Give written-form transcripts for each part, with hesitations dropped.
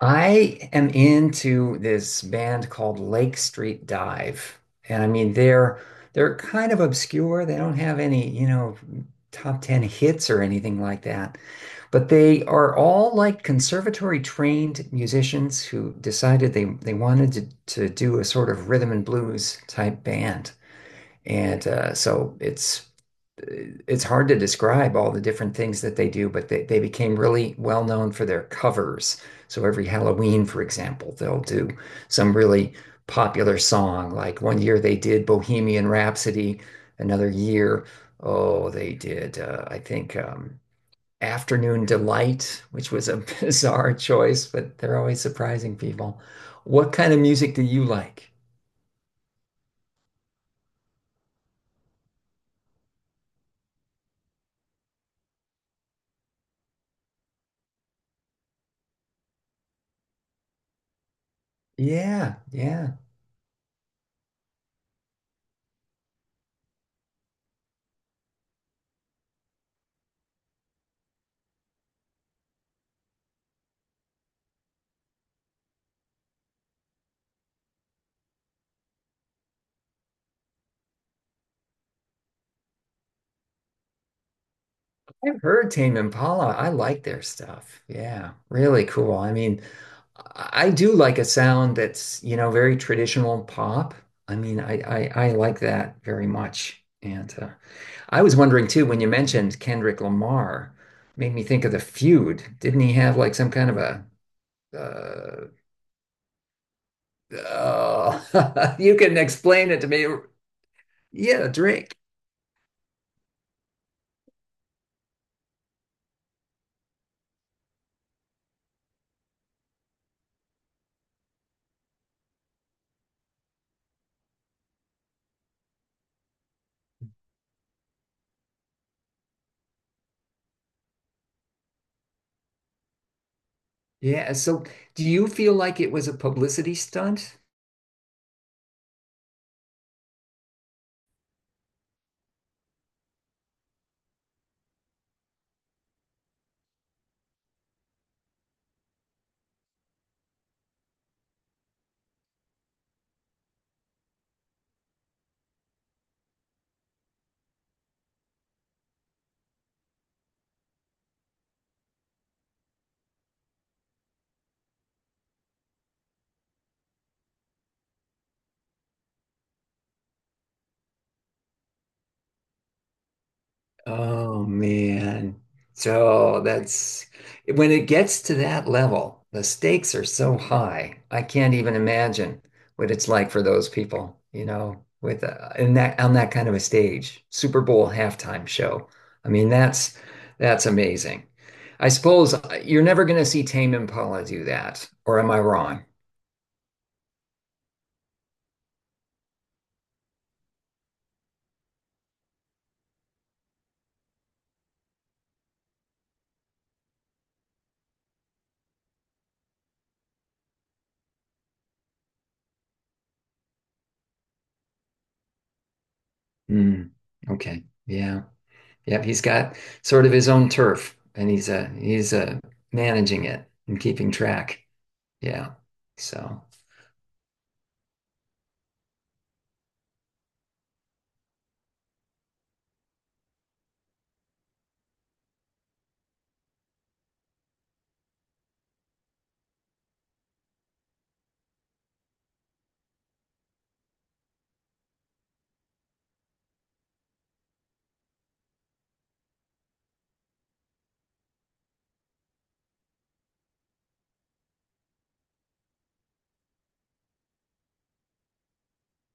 I am into this band called Lake Street Dive. And I mean they're kind of obscure. They don't have any, you know, top 10 hits or anything like that. But they are all like conservatory trained musicians who decided they wanted to do a sort of rhythm and blues type band. And so it's hard to describe all the different things that they do, but they became really well known for their covers. So every Halloween, for example, they'll do some really popular song. Like one year they did Bohemian Rhapsody, another year, oh, they did, I think, Afternoon Delight, which was a bizarre choice, but they're always surprising people. What kind of music do you like? Yeah, yeah. I've heard Tame Impala. I like their stuff. Yeah, really cool. I mean, I do like a sound that's, you know, very traditional pop. I mean, I like that very much. And I was wondering too, when you mentioned Kendrick Lamar, made me think of the feud. Didn't he have like some kind of a uh, you can explain it to me. Yeah, Drake. Yeah. So do you feel like it was a publicity stunt? Oh man. So that's when it gets to that level, the stakes are so high. I can't even imagine what it's like for those people, you know, with in that kind of a stage, Super Bowl halftime show. I mean, that's amazing. I suppose you're never going to see Tame Impala do that, or am I wrong? Hmm. Okay. Yeah. Yep, he's got sort of his own turf, and he's managing it and keeping track. Yeah. So,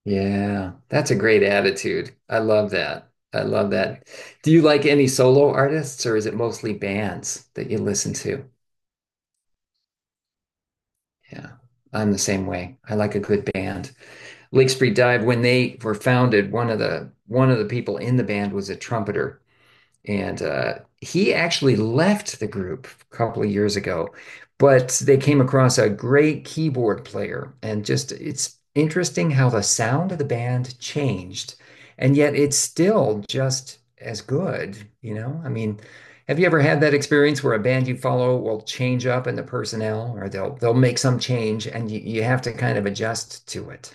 yeah, that's a great attitude. I love that. I love that. Do you like any solo artists, or is it mostly bands that you listen to? Yeah, I'm the same way. I like a good band. Lake Street Dive, when they were founded, one of the people in the band was a trumpeter. And he actually left the group a couple of years ago, but they came across a great keyboard player. And just it's interesting how the sound of the band changed, and yet it's still just as good, you know? I mean, have you ever had that experience where a band you follow will change up in the personnel, or they'll make some change, and you have to kind of adjust to it?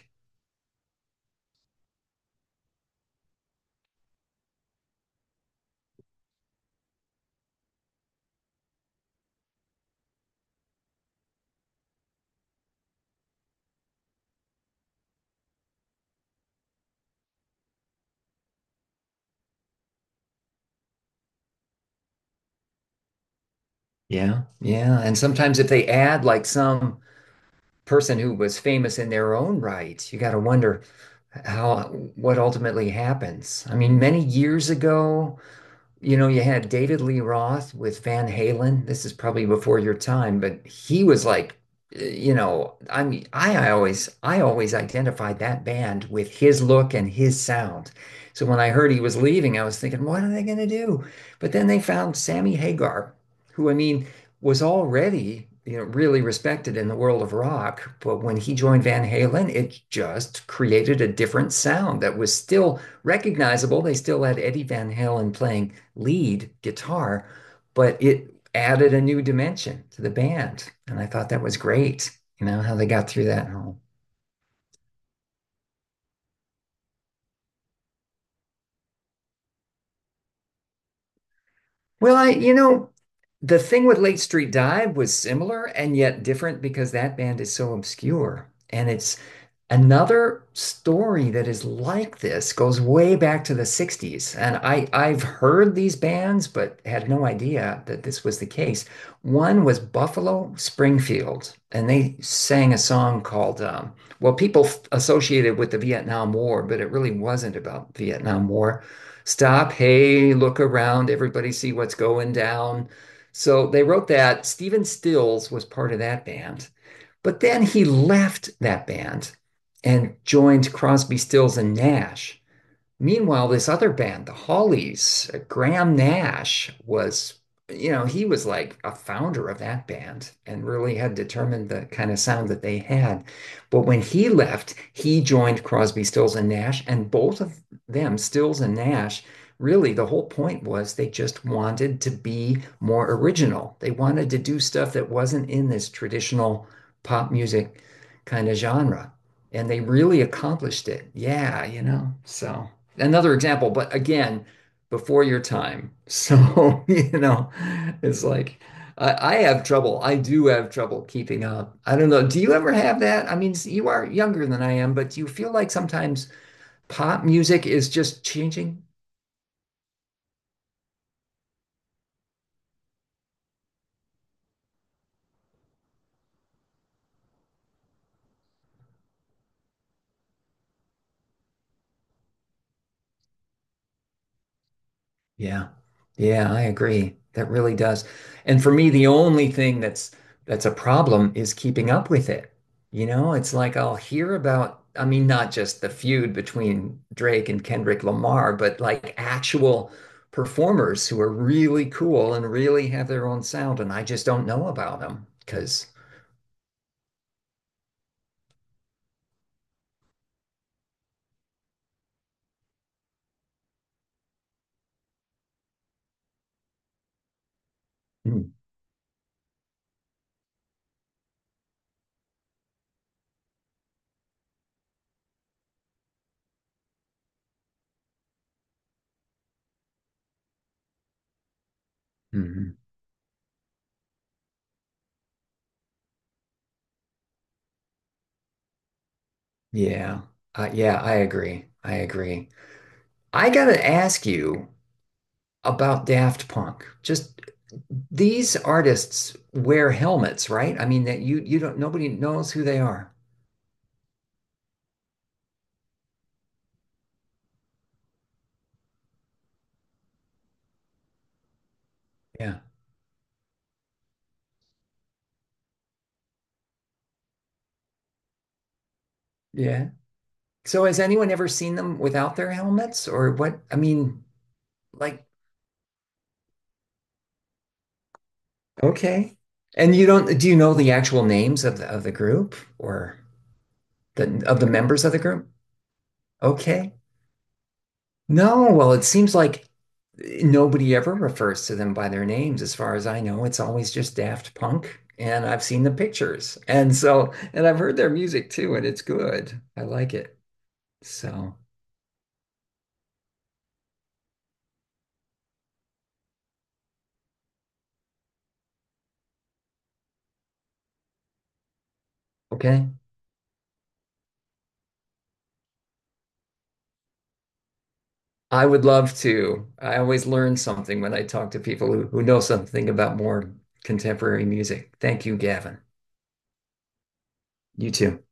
Yeah, yeah. And sometimes if they add like some person who was famous in their own right, you got to wonder how what ultimately happens. I mean, many years ago, you know, you had David Lee Roth with Van Halen. This is probably before your time, but he was like, you know, I mean, I always identified that band with his look and his sound. So when I heard he was leaving, I was thinking, what are they going to do? But then they found Sammy Hagar, who I mean was already, you know, really respected in the world of rock. But when he joined Van Halen, it just created a different sound that was still recognizable. They still had Eddie Van Halen playing lead guitar, but it added a new dimension to the band. And I thought that was great, you know, how they got through that whole. Well, you know, the thing with Late Street Dive was similar and yet different because that band is so obscure. And it's another story that is like this, goes way back to the 60s. And I've heard these bands, but had no idea that this was the case. One was Buffalo Springfield, and they sang a song called, well, people associated with the Vietnam War, but it really wasn't about Vietnam War. Stop, hey, look around, everybody see what's going down. So they wrote that. Stephen Stills was part of that band, but then he left that band and joined Crosby, Stills, and Nash. Meanwhile, this other band, the Hollies, Graham Nash was, you know, he was like a founder of that band and really had determined the kind of sound that they had. But when he left, he joined Crosby, Stills, and Nash, and both of them, Stills and Nash, really the whole point was they just wanted to be more original. They wanted to do stuff that wasn't in this traditional pop music kind of genre. And they really accomplished it. Yeah, you know, so. Another example, but again, before your time. So, you know, it's like I have trouble. I do have trouble keeping up. I don't know. Do you ever have that? I mean, you are younger than I am, but do you feel like sometimes pop music is just changing. Yeah. Yeah, I agree. That really does. And for me, the only thing that's a problem is keeping up with it. You know, it's like I'll hear about, I mean, not just the feud between Drake and Kendrick Lamar, but like actual performers who are really cool and really have their own sound, and I just don't know about them because, yeah, yeah, I agree. I agree. I gotta ask you, about Daft Punk. Just these artists wear helmets, right? I mean that you don't nobody knows who they are. Yeah. Yeah. So has anyone ever seen them without their helmets or what? I mean, like okay. And you don't do you know the actual names of the group or the members of the group? Okay. No, well, it seems like nobody ever refers to them by their names, as far as I know. It's always just Daft Punk, and I've seen the pictures. And so, and I've heard their music too, and it's good. I like it. So, okay. I would love to. I always learn something when I talk to people who know something about more contemporary music. Thank you, Gavin. You too.